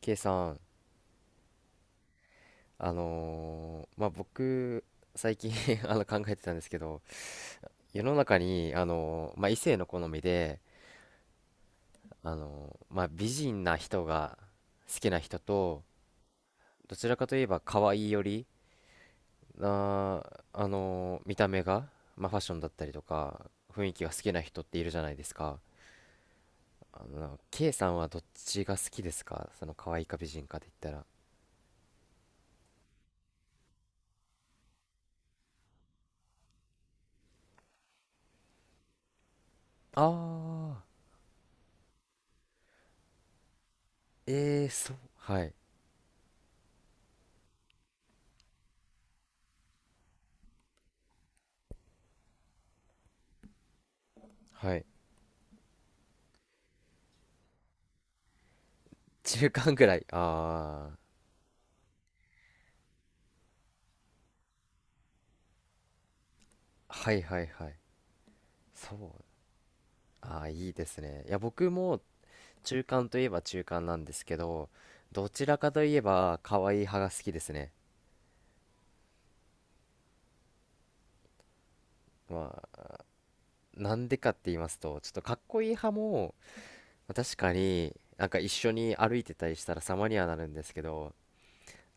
K さん、まあ、僕、最近 考えてたんですけど、世の中に、まあ、異性の好みで、まあ、美人な人が好きな人と、どちらかといえば可愛いよりな、見た目が、まあ、ファッションだったりとか、雰囲気が好きな人っているじゃないですか。K さんはどっちが好きですか、その可愛いか美人かって言ったら。あー、えー、そう、はい、はい。中間ぐらい。あ、はいはいはい。そう。ああ、いいですね。いや、僕も中間といえば中間なんですけど、どちらかといえば可愛い派が好きですね。まあ、なんでかって言いますと、ちょっとかっこいい派も、まあ確かになんか一緒に歩いてたりしたら様にはなるんですけど、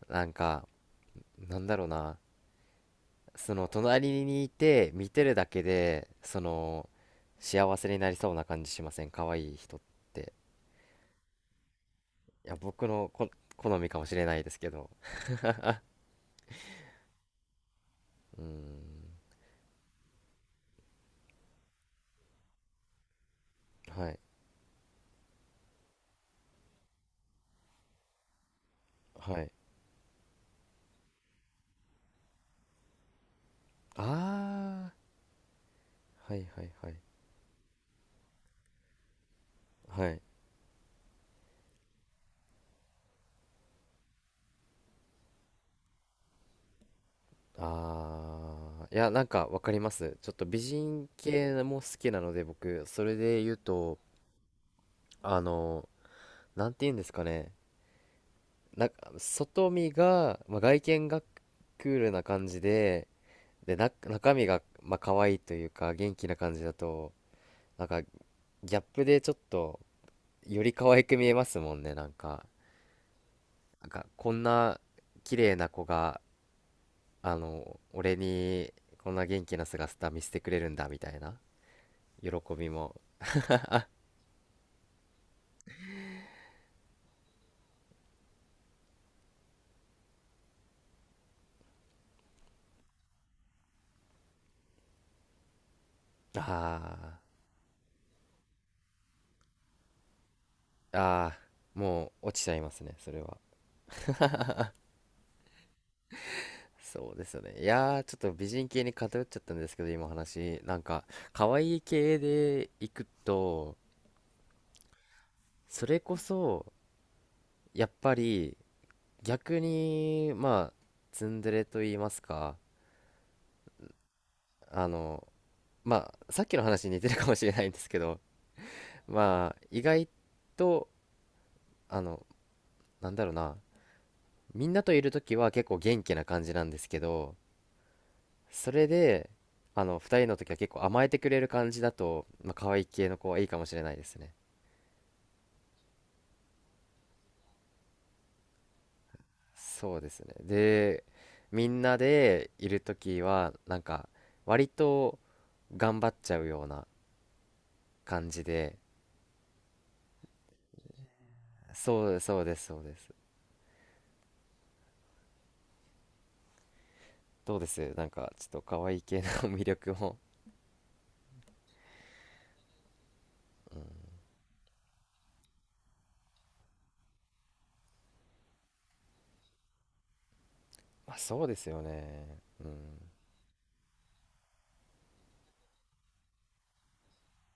なんか、なんだろうな、その隣にいて見てるだけで、その、幸せになりそうな感じしません？可愛い人って。いや、僕の好みかもしれないですけど。うーん。はいはい。ああー、はいはいはい。はい。ああー、いや、なんかわかります。ちょっと美人系も好きなので、僕、それで言うと、あのなんて言うんですかね。なんか外見が、まあ、外見がクールな感じで、でな、中身がまあ可愛いというか元気な感じだと、なんかギャップでちょっとより可愛く見えますもんね、なんか。なんかこんな綺麗な子が俺にこんな元気な姿見せてくれるんだみたいな喜びも。あー、あー、もう落ちちゃいますね、それは。そうですよね。いやー、ちょっと美人系に偏っちゃったんですけど、今、話、なんか可愛い系でいくと、それこそやっぱり逆にまあ、ツンデレと言いますか、あのまあ、さっきの話に似てるかもしれないんですけど、まあ、意外とあのなんだろうな、みんなといる時は結構元気な感じなんですけど、それで、二人の時は結構甘えてくれる感じだと、まあ、可愛い系の子はいいかもしれないですね。そうですね。で、みんなでいる時は、なんか、割と頑張っちゃうような感じで。そうそうです、そうです。どうです？なんか、ちょっと可愛い系の 魅力も。まあ、そうですよね。うん。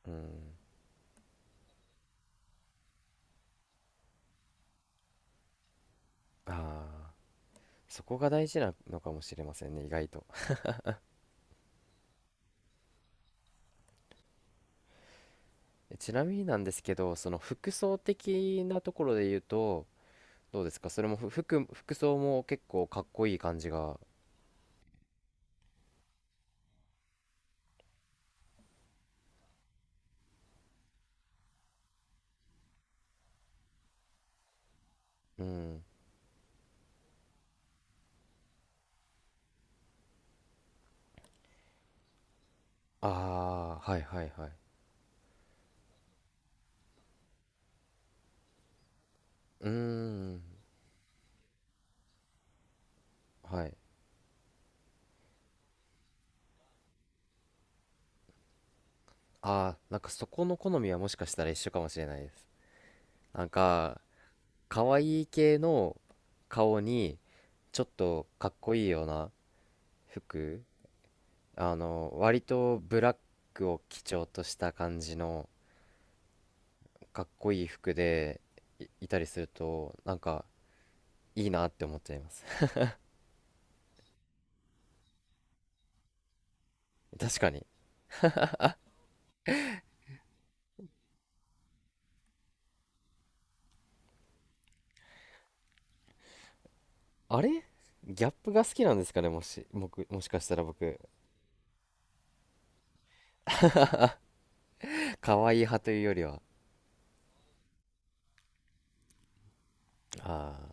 うん。ああ、そこが大事なのかもしれませんね、意外と。ちなみになんですけど、その服装的なところで言うと、どうですか、それも服、服装も結構かっこいい感じが。うん。ああ、はいはいはい。うーん。はい。ああ、なんかそこの好みはもしかしたら一緒かもしれないです。なんか、可愛い系の顔に、ちょっとかっこいいような服、割とブラックを基調とした感じの、かっこいい服でいたりするとなんかいいなって思っちゃいます。 確かに。あれ、ギャップが好きなんですかね。僕、もしかしたら僕、可愛い派というよりは。あ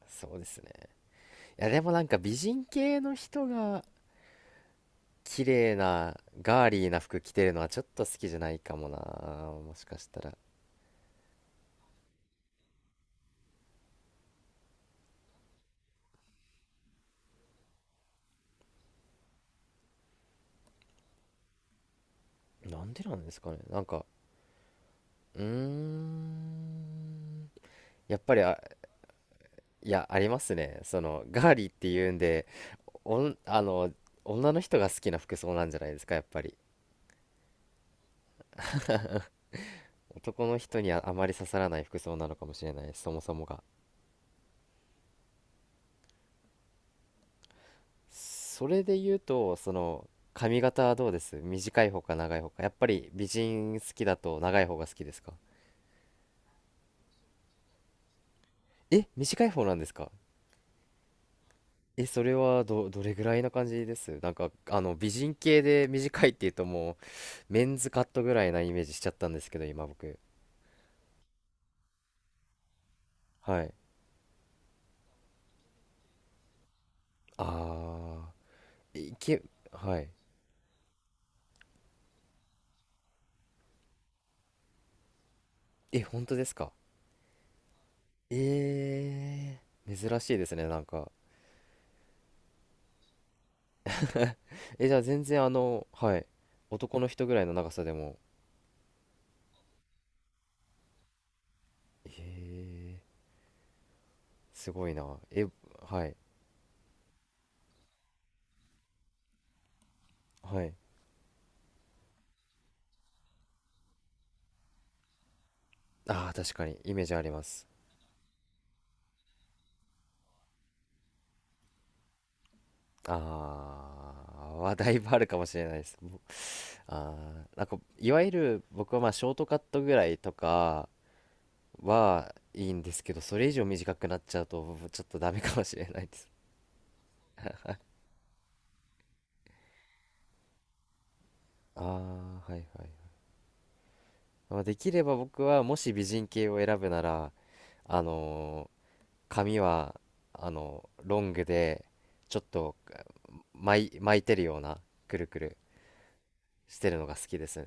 あ、そうですね。いや、でもなんか美人系の人が綺麗なガーリーな服着てるのはちょっと好きじゃないかもな、もしかしたら。なんでなんですかね。なんか、うーん、やっぱりいや、ありますね。その、ガーリーっていうんで、おん、あの、女の人が好きな服装なんじゃないですか、やっぱり。男の人にはあまり刺さらない服装なのかもしれない、そもそもが。それで言うと、その、髪型はどうです、短い方か長い方か。やっぱり美人好きだと長い方が好きですか？え、短い方なんですか？え、それはどれぐらいな感じです？なんか、美人系で短いっていうともう、メンズカットぐらいなイメージしちゃったんですけど、今僕。はい。あ、いけ、はい。え、本当ですか？えー、珍しいですね、なんか。え、じゃあ全然はい。男の人ぐらいの長さでも。えー、すごいな。え、はい、はい。ああ、確かに、イメージあります。ああ、だいぶあるかもしれないです。ああ、なんか、いわゆる僕はまあショートカットぐらいとかはいいんですけど、それ以上短くなっちゃうと、ちょっとダメかもしれないです。ああ、はいはい。まあできれば僕はもし美人系を選ぶなら、あのー髪はロングでちょっと巻いてるようなくるくるしてるのが好きですね。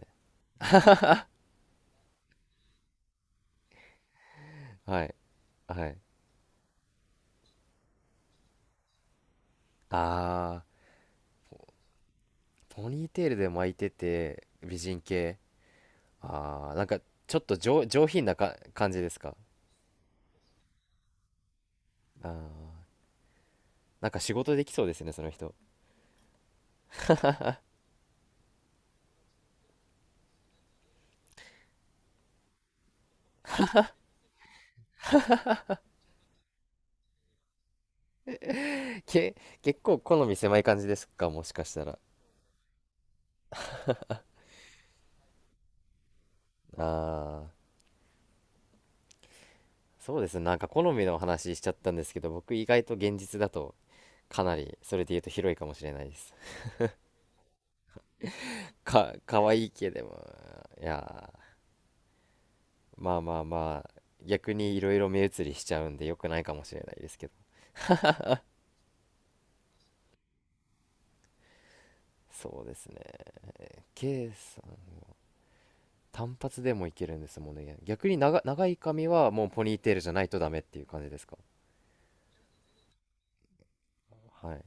はいはい。あー、ポニーテールで巻いてて美人系。あー、なんかちょっと上品なか感じですか？あー、なんか仕事できそうですね、その人。け結構好み狭い感じですか、もしかしたら。あー、そうですね。なんか好みの話しちゃったんですけど、僕意外と現実だとかなり、それで言うと広いかもしれないです。可愛いけども、いやー、まあまあまあ、逆にいろいろ目移りしちゃうんで良くないかもしれないですけど。そうですね。K さん、単発でもいけるんですもんね。逆に長い髪はもうポニーテールじゃないとダメっていう感じですか？はい。